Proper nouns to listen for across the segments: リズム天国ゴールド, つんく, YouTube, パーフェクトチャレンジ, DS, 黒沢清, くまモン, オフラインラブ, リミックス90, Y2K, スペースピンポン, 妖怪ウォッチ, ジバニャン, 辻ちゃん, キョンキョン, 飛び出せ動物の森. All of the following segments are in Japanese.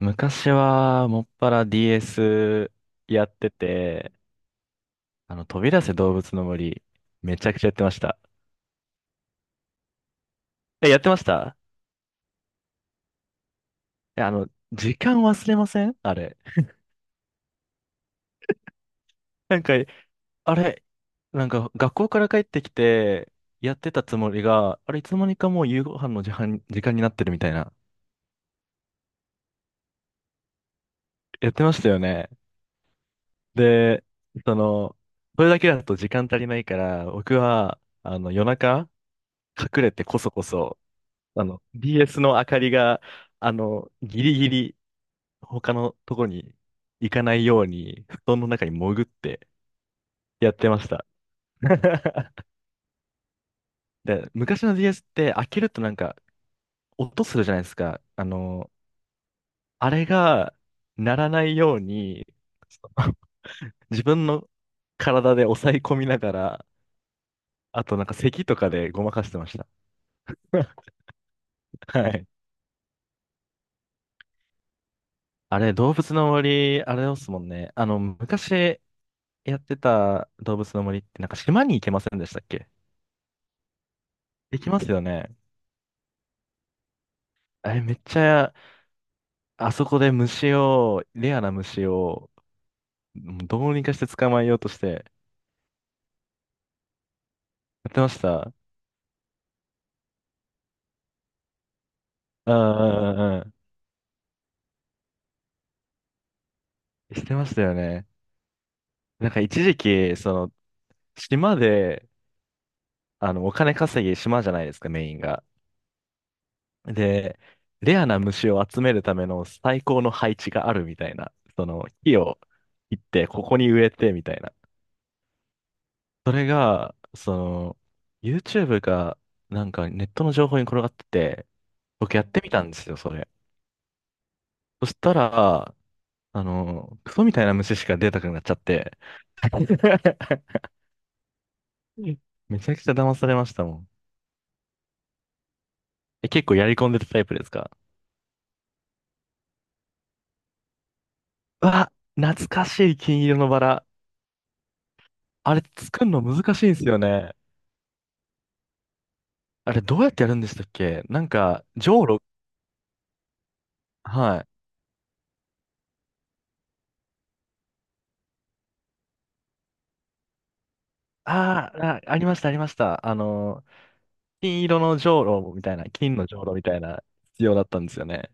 昔は、もっぱら DS やってて、飛び出せ動物の森、めちゃくちゃやってました。え、やってました？え、時間忘れません？あれ。なんか、あれ、なんか、学校から帰ってきて、やってたつもりが、あれ、いつの間にかもう夕ご飯の時間になってるみたいな。やってましたよね。で、その、それだけだと時間足りないから、僕は、夜中、隠れてこそこそ、BS の明かりが、ギリギリ他のとこに行かないように、布団の中に潜ってやってました。で、昔の DS って開けるとなんか音するじゃないですか。あの、あれが鳴らないように、その 自分の体で抑え込みながら、あとなんか咳とかでごまかしてました。はい。あれ、動物の森、あれですもんね。あの、昔、やってた動物の森ってなんか島に行けませんでしたっけ？行きますよね。あれめっちゃ、あそこで虫を、レアな虫を、もうどうにかして捕まえようとして、やってました。うんうんうんうん。してましたよね。なんか一時期、島で、あの、お金稼ぎ島じゃないですか、メインが。で、レアな虫を集めるための最高の配置があるみたいな。その、木を切って、ここに植えて、みたいな。それが、その、YouTube が、なんかネットの情報に転がってて、僕やってみたんですよ、それ。そしたら、クソみたいな虫しか出たくなっちゃって。めちゃくちゃ騙されましたもん。え、結構やり込んでたタイプですか？うわ、懐かしい金色のバラ。あれ作るの難しいんですよね。あれどうやってやるんでしたっけ？なんか、じょうろ、はい。あーあ、ありました、ありました。あの金色のじょうろみたいな、金のじょうろみたいな必要だったんですよね。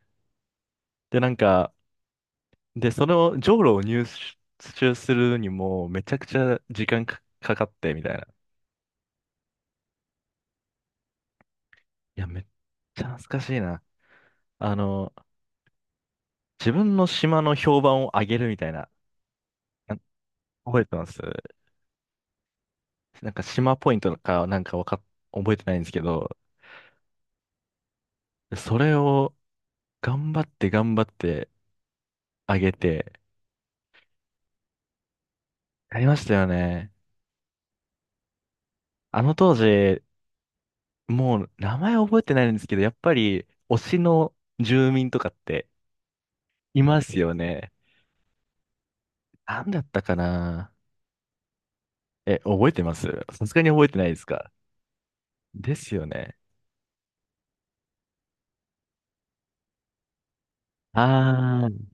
で、なんか、で、そのじょうろを入手するにも、めちゃくちゃ時間か、かかって、みたいな。いや、めっちゃ懐かしいな。あの、自分の島の評判を上げるみたいな、な、覚えてます？なんか島ポイントか、なんかわかっ、覚えてないんですけど、それを頑張って上げて、やりましたよね。あの当時、もう名前覚えてないんですけど、やっぱり推しの住民とかっていますよね。なんだったかな。え、覚えてます？さすがに覚えてないですか？ですよね。あ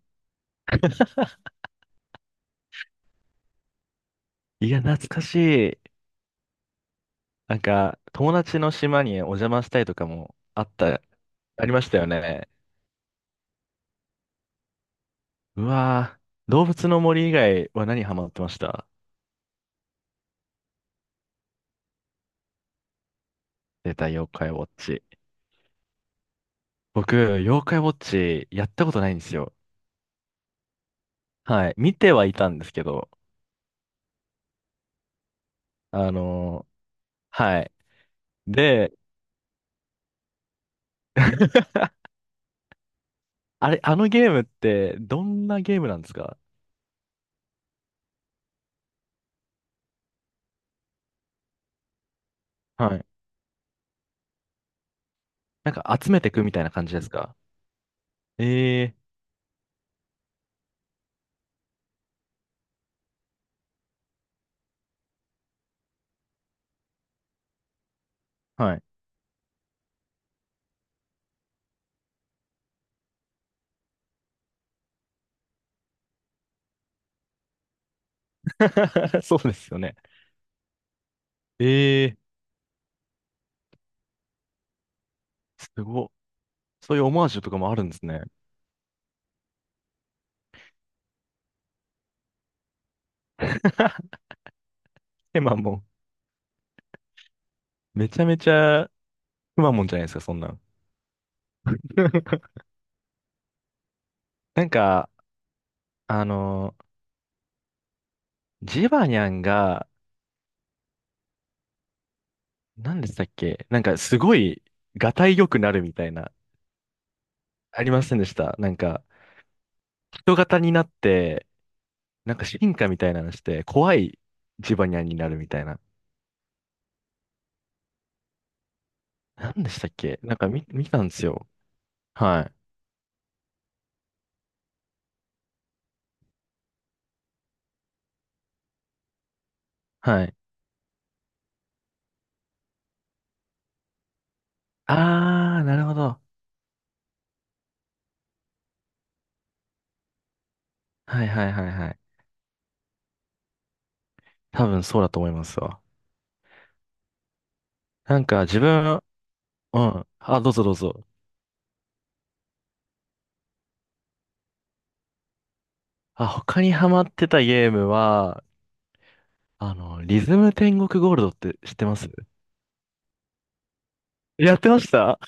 ー、いや、懐かしい。なんか、友達の島にお邪魔したいとかもあった、ありましたよね。うわー、動物の森以外は何ハマってました？出た、妖怪ウォッチ。僕、妖怪ウォッチやったことないんですよ。はい、見てはいたんですけど、あのーはい。で、あれ、あのゲームってどんなゲームなんですか？はい。なんか集めていくみたいな感じですか？ええ、ーはい。そうですよね。ええー、すごっ。そういうオマージュとかもあるんですね。くまあもうめちゃめちゃくまモンじゃないですか、そんなん。なんか、あの、ジバニャンが、何でしたっけ？なんかすごい、がたい良くなるみたいな、ありませんでした？なんか、人型になって、なんか進化みたいなのして、怖いジバニャンになるみたいな。なんでしたっけ？見たんですよ。はい。はい。あー、なるほど。はいはいはいはい。多分そうだと思いますわ。なんか自分、うん。あ、どうぞどうぞ。あ、他にハマってたゲームは、あの、リズム天国ゴールドって知ってます？やってました？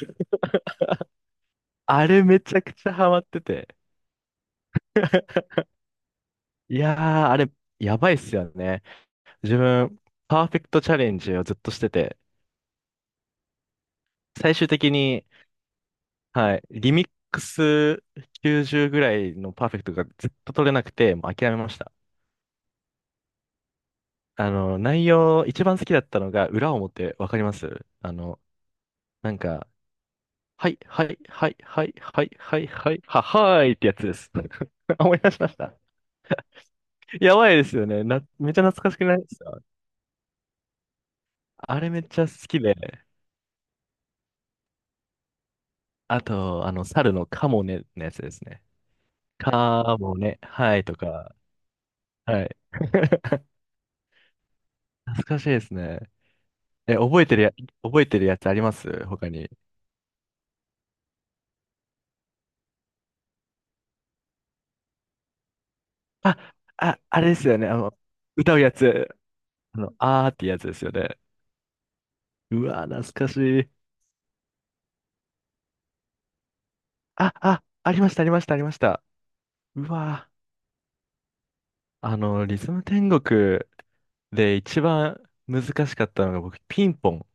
あれめちゃくちゃハマってて。いやー、あれ、やばいっすよね。自分、パーフェクトチャレンジをずっとしてて、最終的にはい。リミックス90ぐらいのパーフェクトがずっと取れなくて、もう諦めました。あの、内容、一番好きだったのが、裏表、わかります？あの、なんか、はい、はい、はい、はい、はい、はい、はい、は、はーいってやつです。思い出しました。やばいですよね。な、めっちゃ懐かしくないですか？あれめっちゃ好きで。あと、あの、猿のカモネのやつですね。カモネ、はいとか、はい。懐かしいですね。え、覚えてるや、覚えてるやつあります他に。あ、あ、あれですよね。あの、歌うやつ。あの、あーってやつですよね。うわー、懐かしい。あ、あ、ありました、ありました、ありました。うわー。あの、リズム天国で一番難しかったのが僕、ピンポン。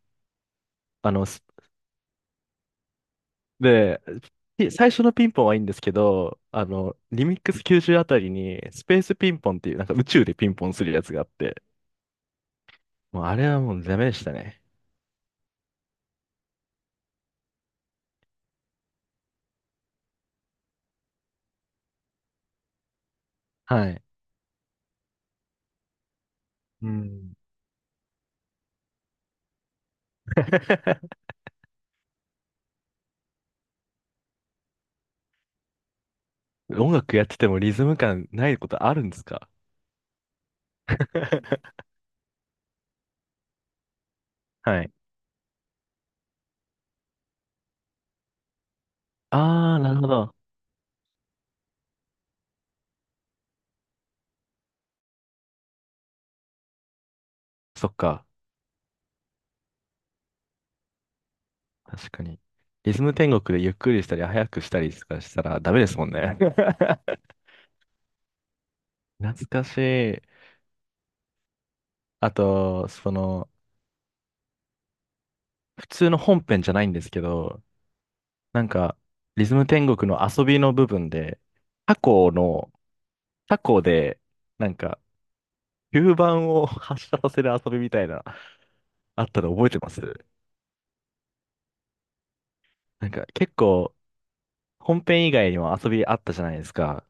あの、すで、ピ最初のピンポンはいいんですけど、あの、リミックス90あたりに、スペースピンポンっていう、なんか宇宙でピンポンするやつがあって、もうあれはもうダメでしたね。はい。うん。音楽やっててもリズム感ないことあるんですか？ はい。あー、なるほど。そっか。確かに。リズム天国でゆっくりしたり、早くしたりとかしたらダメですもんね。懐かしい。あと、その、普通の本編じゃないんですけど、なんか、リズム天国の遊びの部分で、タコの、タコで、なんか、吸盤を発射させる遊びみたいな、あったの覚えてます？なんか、結構、本編以外にも遊びあったじゃないですか。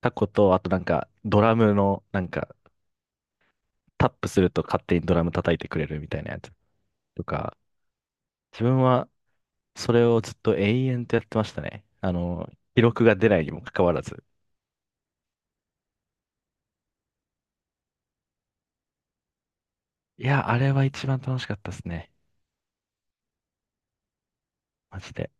タコと、あとなんか、ドラムの、なんか、タップすると勝手にドラム叩いてくれるみたいなやつとか、自分はそれをずっと永遠とやってましたね。あの、記録が出ないにもかかわらず。いや、あれは一番楽しかったですね。マジで。